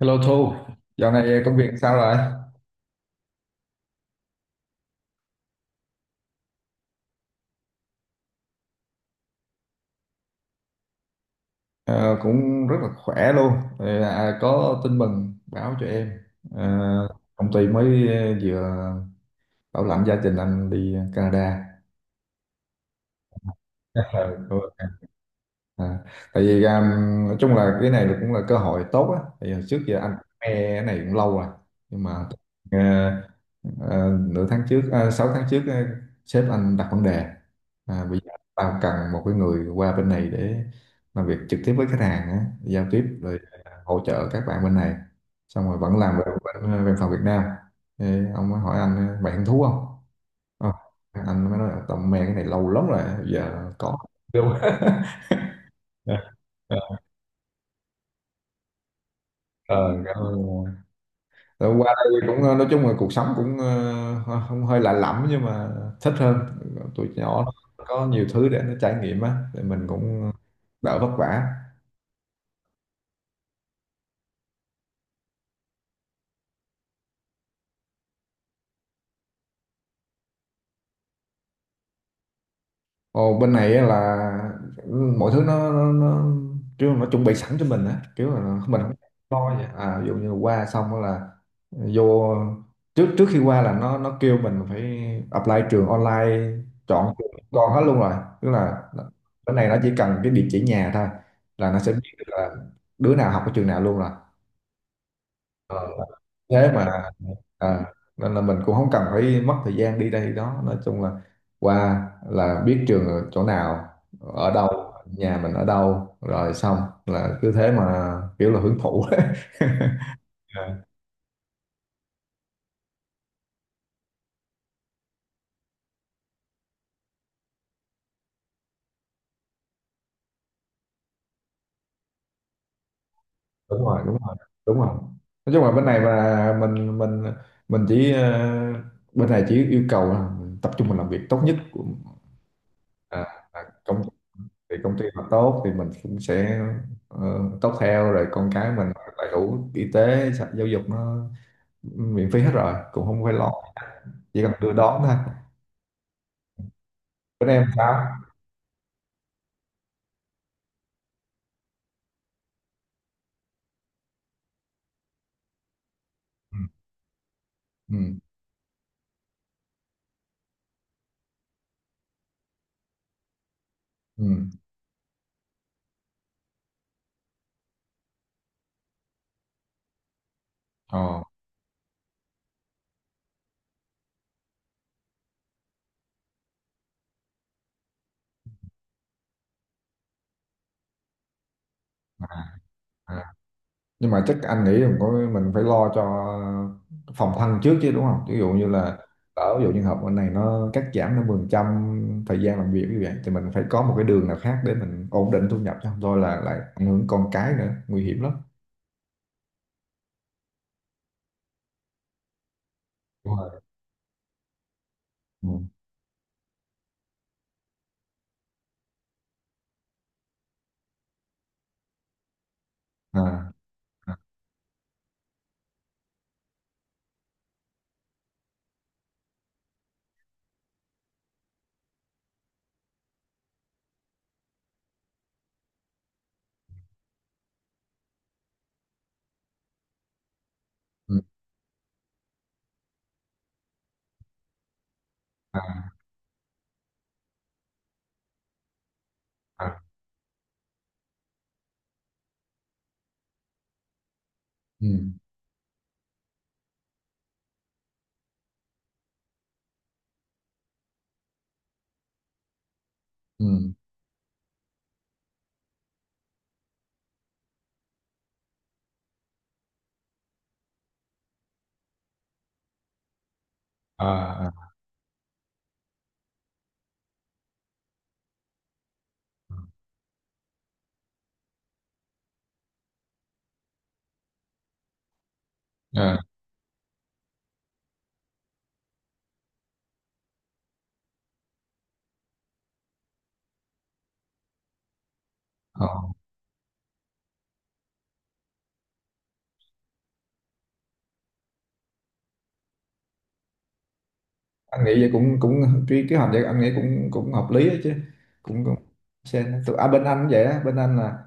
Hello Thu, dạo này công việc sao rồi? Ờ, Cũng rất là khỏe luôn. Có tin mừng báo cho em. Ờ, Công ty mới vừa bảo lãnh gia đình anh đi Canada. Ờ, À, Tại vì nói chung là cái này cũng là cơ hội tốt á, tại vì hồi trước giờ anh nghe cái này cũng lâu rồi, nhưng mà ờ, ờ, nửa tháng trước sáu tháng trước, sếp anh đặt vấn đề à, bây giờ tao cần một cái người qua bên này để làm việc trực tiếp với khách hàng á, giao tiếp rồi hỗ trợ các bạn bên này, xong rồi vẫn làm về bên văn phòng Việt Nam. Thế ông mới hỏi anh mày hứng thú không. Ờ, anh mới nói tao mê cái này lâu lắm rồi bây giờ có. Đúng. Ờ, cảm ơn Ngọc. Rồi qua đây cũng nói chung là cuộc sống cũng không hơi lạ lẫm nhưng mà thích hơn. Tuổi nhỏ nó có nhiều thứ để nó trải nghiệm á, thì mình cũng đỡ vất vả. Ồ, bên này á là mọi thứ nó kiểu nó chuẩn bị sẵn cho mình á, kiểu là mình không lo vậy à. Ví dụ như qua xong á là vô, trước trước khi qua là nó kêu mình phải apply trường online, chọn trường con hết luôn rồi. Tức là cái này nó chỉ cần cái địa chỉ nhà thôi là nó sẽ biết được là đứa nào học ở trường nào luôn rồi. Ờ, thế mà à, nên là mình cũng không cần phải mất thời gian đi đây đó, nói chung là qua là biết trường ở chỗ nào, ở đâu nhà mình ở đâu rồi xong là cứ thế mà kiểu là hưởng thụ. À, đúng rồi, đúng rồi, đúng rồi. Nói chung là bên này mà mình chỉ bên này chỉ yêu cầu là tập trung mình làm việc tốt nhất của à, à, công, thì công ty mà tốt thì mình cũng sẽ ờ, tốt theo, rồi con cái mình đầy đủ y tế sạch, giáo dục nó miễn phí hết rồi, cũng không phải lo, chỉ cần đưa đón thôi. Bên em sao? Ừ ừ ừ ờ à, à. Nhưng mà chắc anh nghĩ mình có mình phải lo cho phòng thân trước chứ, đúng không? Ví dụ như là ở, ví dụ như học bên này nó cắt giảm 50% thời gian làm việc như vậy thì mình phải có một cái đường nào khác để mình ổn định thu nhập, chứ không thôi là lại ảnh hưởng con cái nữa, nguy hiểm lắm. Đúng rồi. Ừ. À à, ừ, à, à, ừ, ừ, à, à, à, à, anh nghĩ vậy cũng cũng cái kế hoạch vậy anh nghĩ cũng cũng hợp lý ấy chứ, cũng cũng xem tụi à, bên anh cũng vậy á, bên anh là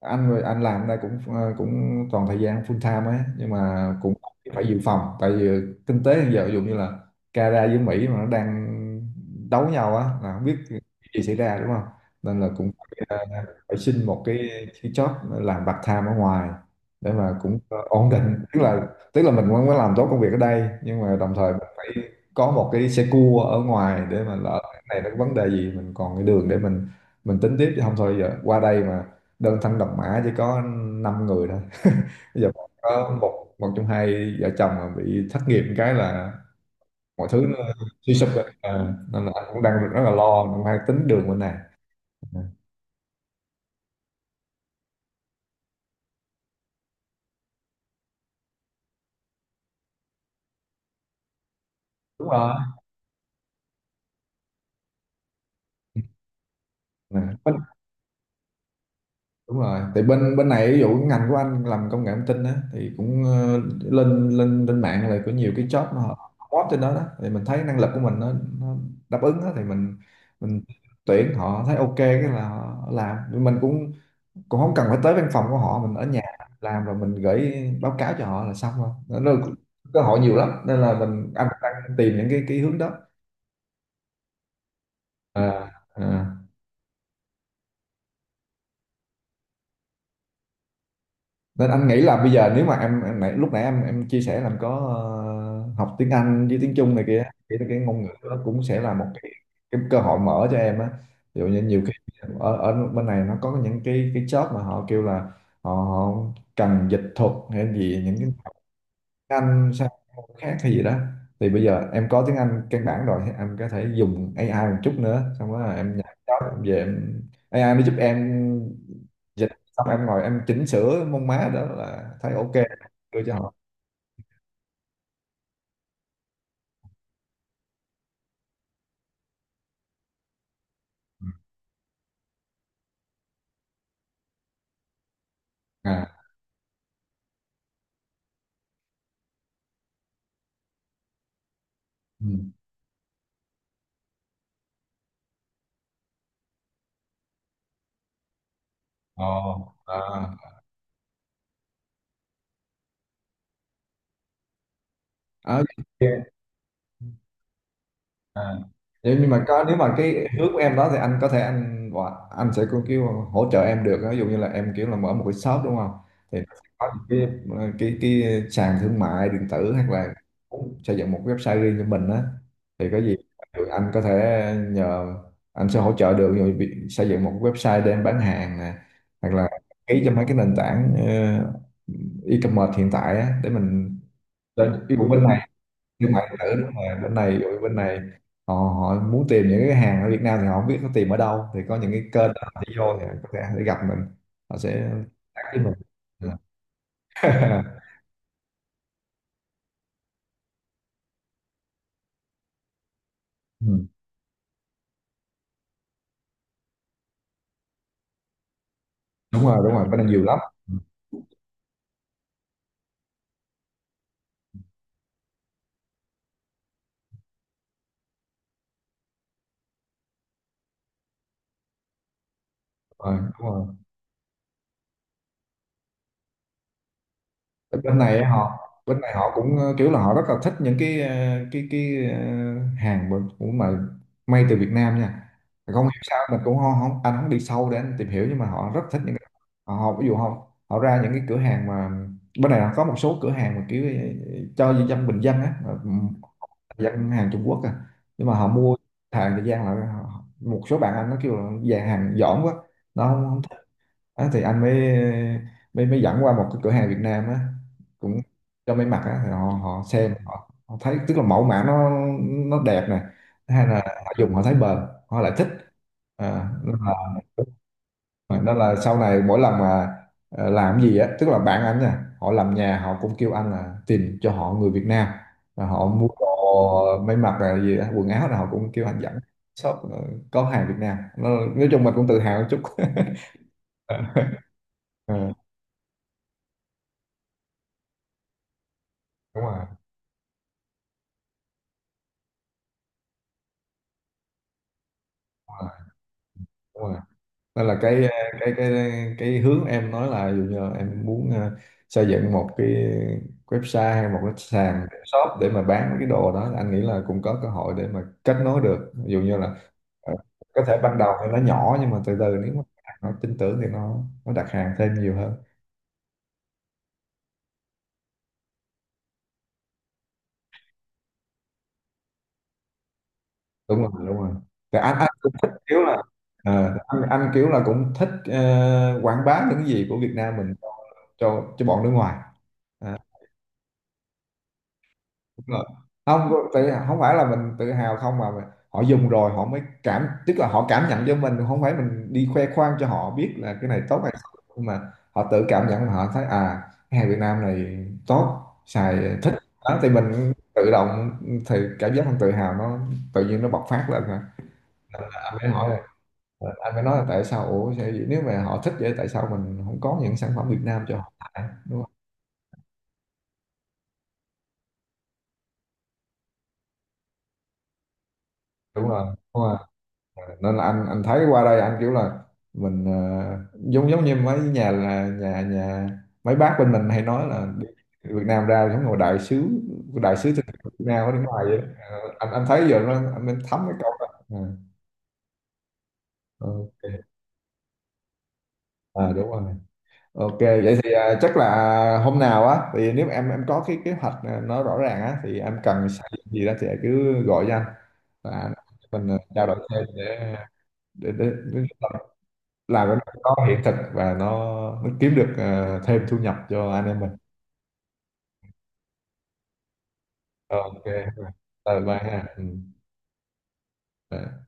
anh rồi anh làm đây cũng cũng toàn thời gian full time ấy, nhưng mà cũng phải dự phòng. Tại vì kinh tế hiện giờ ví dụ như là Canada với Mỹ mà nó đang đấu nhau á là không biết cái gì xảy ra, đúng không? Nên là cũng phải, phải xin một cái job làm part time ở ngoài để mà cũng ổn định. Tức là tức là mình vẫn phải làm tốt công việc ở đây nhưng mà đồng thời có một cái xe cua ở ngoài để mà lỡ cái này nó có vấn đề gì mình còn cái đường để mình tính tiếp, chứ không thôi giờ qua đây mà đơn thân độc mã chỉ có 5 người thôi. Bây giờ có một, một trong hai vợ chồng mà bị thất nghiệp cái là mọi thứ nó suy sụp rồi à, nên là anh cũng đang rất là lo, cũng hay tính đường bên này. Ừ, đúng rồi. Ừ. Đúng rồi, thì bên bên này ví dụ cái ngành của anh làm công nghệ thông tin á thì cũng lên lên lên mạng là có nhiều cái job nó hot trên đó đó, thì mình thấy năng lực của mình nó đáp ứng á thì mình tuyển họ thấy ok cái là họ làm. Nhưng mình cũng cũng không cần phải tới văn phòng của họ, mình ở nhà làm, rồi mình gửi báo cáo cho họ là xong. Rồi nó cơ hội nhiều lắm, nên là mình anh đang tìm những cái hướng đó. À, à. Nên anh nghĩ là bây giờ nếu mà lúc nãy em chia sẻ là em có học tiếng Anh với tiếng Trung này kia thì cái ngôn ngữ đó cũng sẽ là một cái cơ hội mở cho em á. Ví dụ như nhiều khi ở bên này nó có những cái job mà họ kêu là họ cần dịch thuật hay gì, những cái anh sang môn khác hay gì đó, thì bây giờ em có tiếng Anh căn bản rồi thì em có thể dùng AI một chút nữa, xong đó là em nhảy đó, em về em AI nó giúp em dịch, xong em ngồi em chỉnh sửa mông má đó là thấy ok đưa cho họ. À ừ. Ồ, à. Ờ, à. Nếu- nhưng mà có nếu mà cái hướng của em đó thì anh có thể anh gọi- anh sẽ có kiểu hỗ trợ em được, ví dụ như là em kiểu là mở một cái shop đúng không, thì nó sẽ có những cái cái sàn thương mại điện tử, hoặc là cũng xây dựng một cái website riêng cho mình á, thì có gì thì anh có thể nhờ anh sẽ hỗ trợ được, rồi việc xây dựng một cái website để em bán hàng nè, hoặc là ký cho mấy cái nền tảng e-commerce hiện tại á để mình lên cái bên này. Thương mại điện tử, đúng rồi, bên này ủi, bên này họ họ muốn tìm những cái hàng ở Việt Nam thì họ không biết nó tìm ở đâu, thì có những cái kênh đó họ đi vô thì có thể để gặp mình, họ sẽ tác với mình. Ừ. Đúng rồi đúng rồi, bên này nhiều lắm. Ừ, đúng rồi, đúng rồi. Bên bên này họ cũng kiểu là họ rất là thích những cái cái cái ờ, hàng mà- của mà may từ Việt Nam nha. Không hiểu sao mình cũng không anh không đi sâu để anh tìm hiểu, nhưng mà họ rất thích những cái họ ví dụ họ họ ra những cái cửa hàng mà bên này có một số cửa hàng mà kiểu cho dân bình dân á, mà ừ, dân hàng Trung Quốc à, nhưng mà họ mua hàng thời gian là họ- một số bạn anh nó kêu là dàn hàng dỏm quá, nó không, không á, thì anh mới mới mới dẫn qua một cái cửa hàng Việt Nam á, cũng cho may mặc á, thì họ họ xem họ thấy tức là mẫu mã nó đẹp nè. Thứ hai là họ dùng họ thấy bền, họ lại thích à, nên là, nên là sau này mỗi lần mà làm cái gì á tức là bạn anh nè, họ làm nhà họ cũng kêu anh là tìm cho họ người Việt Nam, và họ mua đồ may mặc là gì á, quần áo là họ cũng kêu anh dẫn shop có hàng Việt Nam nó, nói chung mình cũng tự hào một chút. Ờ, đúng rồi, rồi, đúng rồi, nên là cái cái cái cái hướng em nói là ví dụ như là em muốn xây dựng một cái website hay một cái sàn shop để mà bán mấy cái đồ đó, anh nghĩ là cũng có cơ hội để mà kết nối được, ví dụ như là ờ, có thể ban đầu thì nó nhỏ nhưng mà từ từ nếu mà nó tin tưởng thì nó đặt hàng thêm nhiều hơn. Đúng rồi đúng rồi, thì anh cũng thích kiểu là anh kiểu là cũng thích quảng bá những cái gì của Việt Nam mình cho cho bọn nước ngoài. Ờ, rồi. Không tự, không phải là mình tự hào không mà mình- họ dùng rồi họ mới cảm, tức là họ cảm nhận cho mình, không phải mình đi khoe khoang cho họ biết là cái này tốt hay không, nhưng mà họ tự cảm nhận họ thấy à, cái hàng Việt Nam này tốt xài thích đó, thì mình tự động, thì cảm giác mình tự hào nó tự nhiên nó bộc phát lên mà. Nên là anh mới hỏi là anh mới nói là tại sao ủa sao vậy? Nếu mà họ thích vậy tại sao mình không có những sản phẩm Việt Nam cho họ xài? Đúng không? Đúng rồi đúng rồi, nên là anh thấy qua đây anh kiểu là mình giống giống như mấy nhà là nhà nhà mấy bác bên mình hay nói là đi Việt Nam ra giống như một đại sứ, đại sứ thương hiệu Việt Nam ở nước ngoài vậy đó. Ờ, anh thấy giờ nó anh thấm cái câu đó à, ok. À, đúng rồi, ok vậy thì à, chắc là hôm nào á thì nếu em có cái kế hoạch à, nó rõ ràng á thì em cần xây dựng gì đó thì cứ gọi cho anh, và mình à, trao đổi thêm để để để, để làm cái đó nó hiện thực và nó kiếm được thêm thu nhập cho anh em mình. Ờ, ok, bye bye ha, ừ. Bye.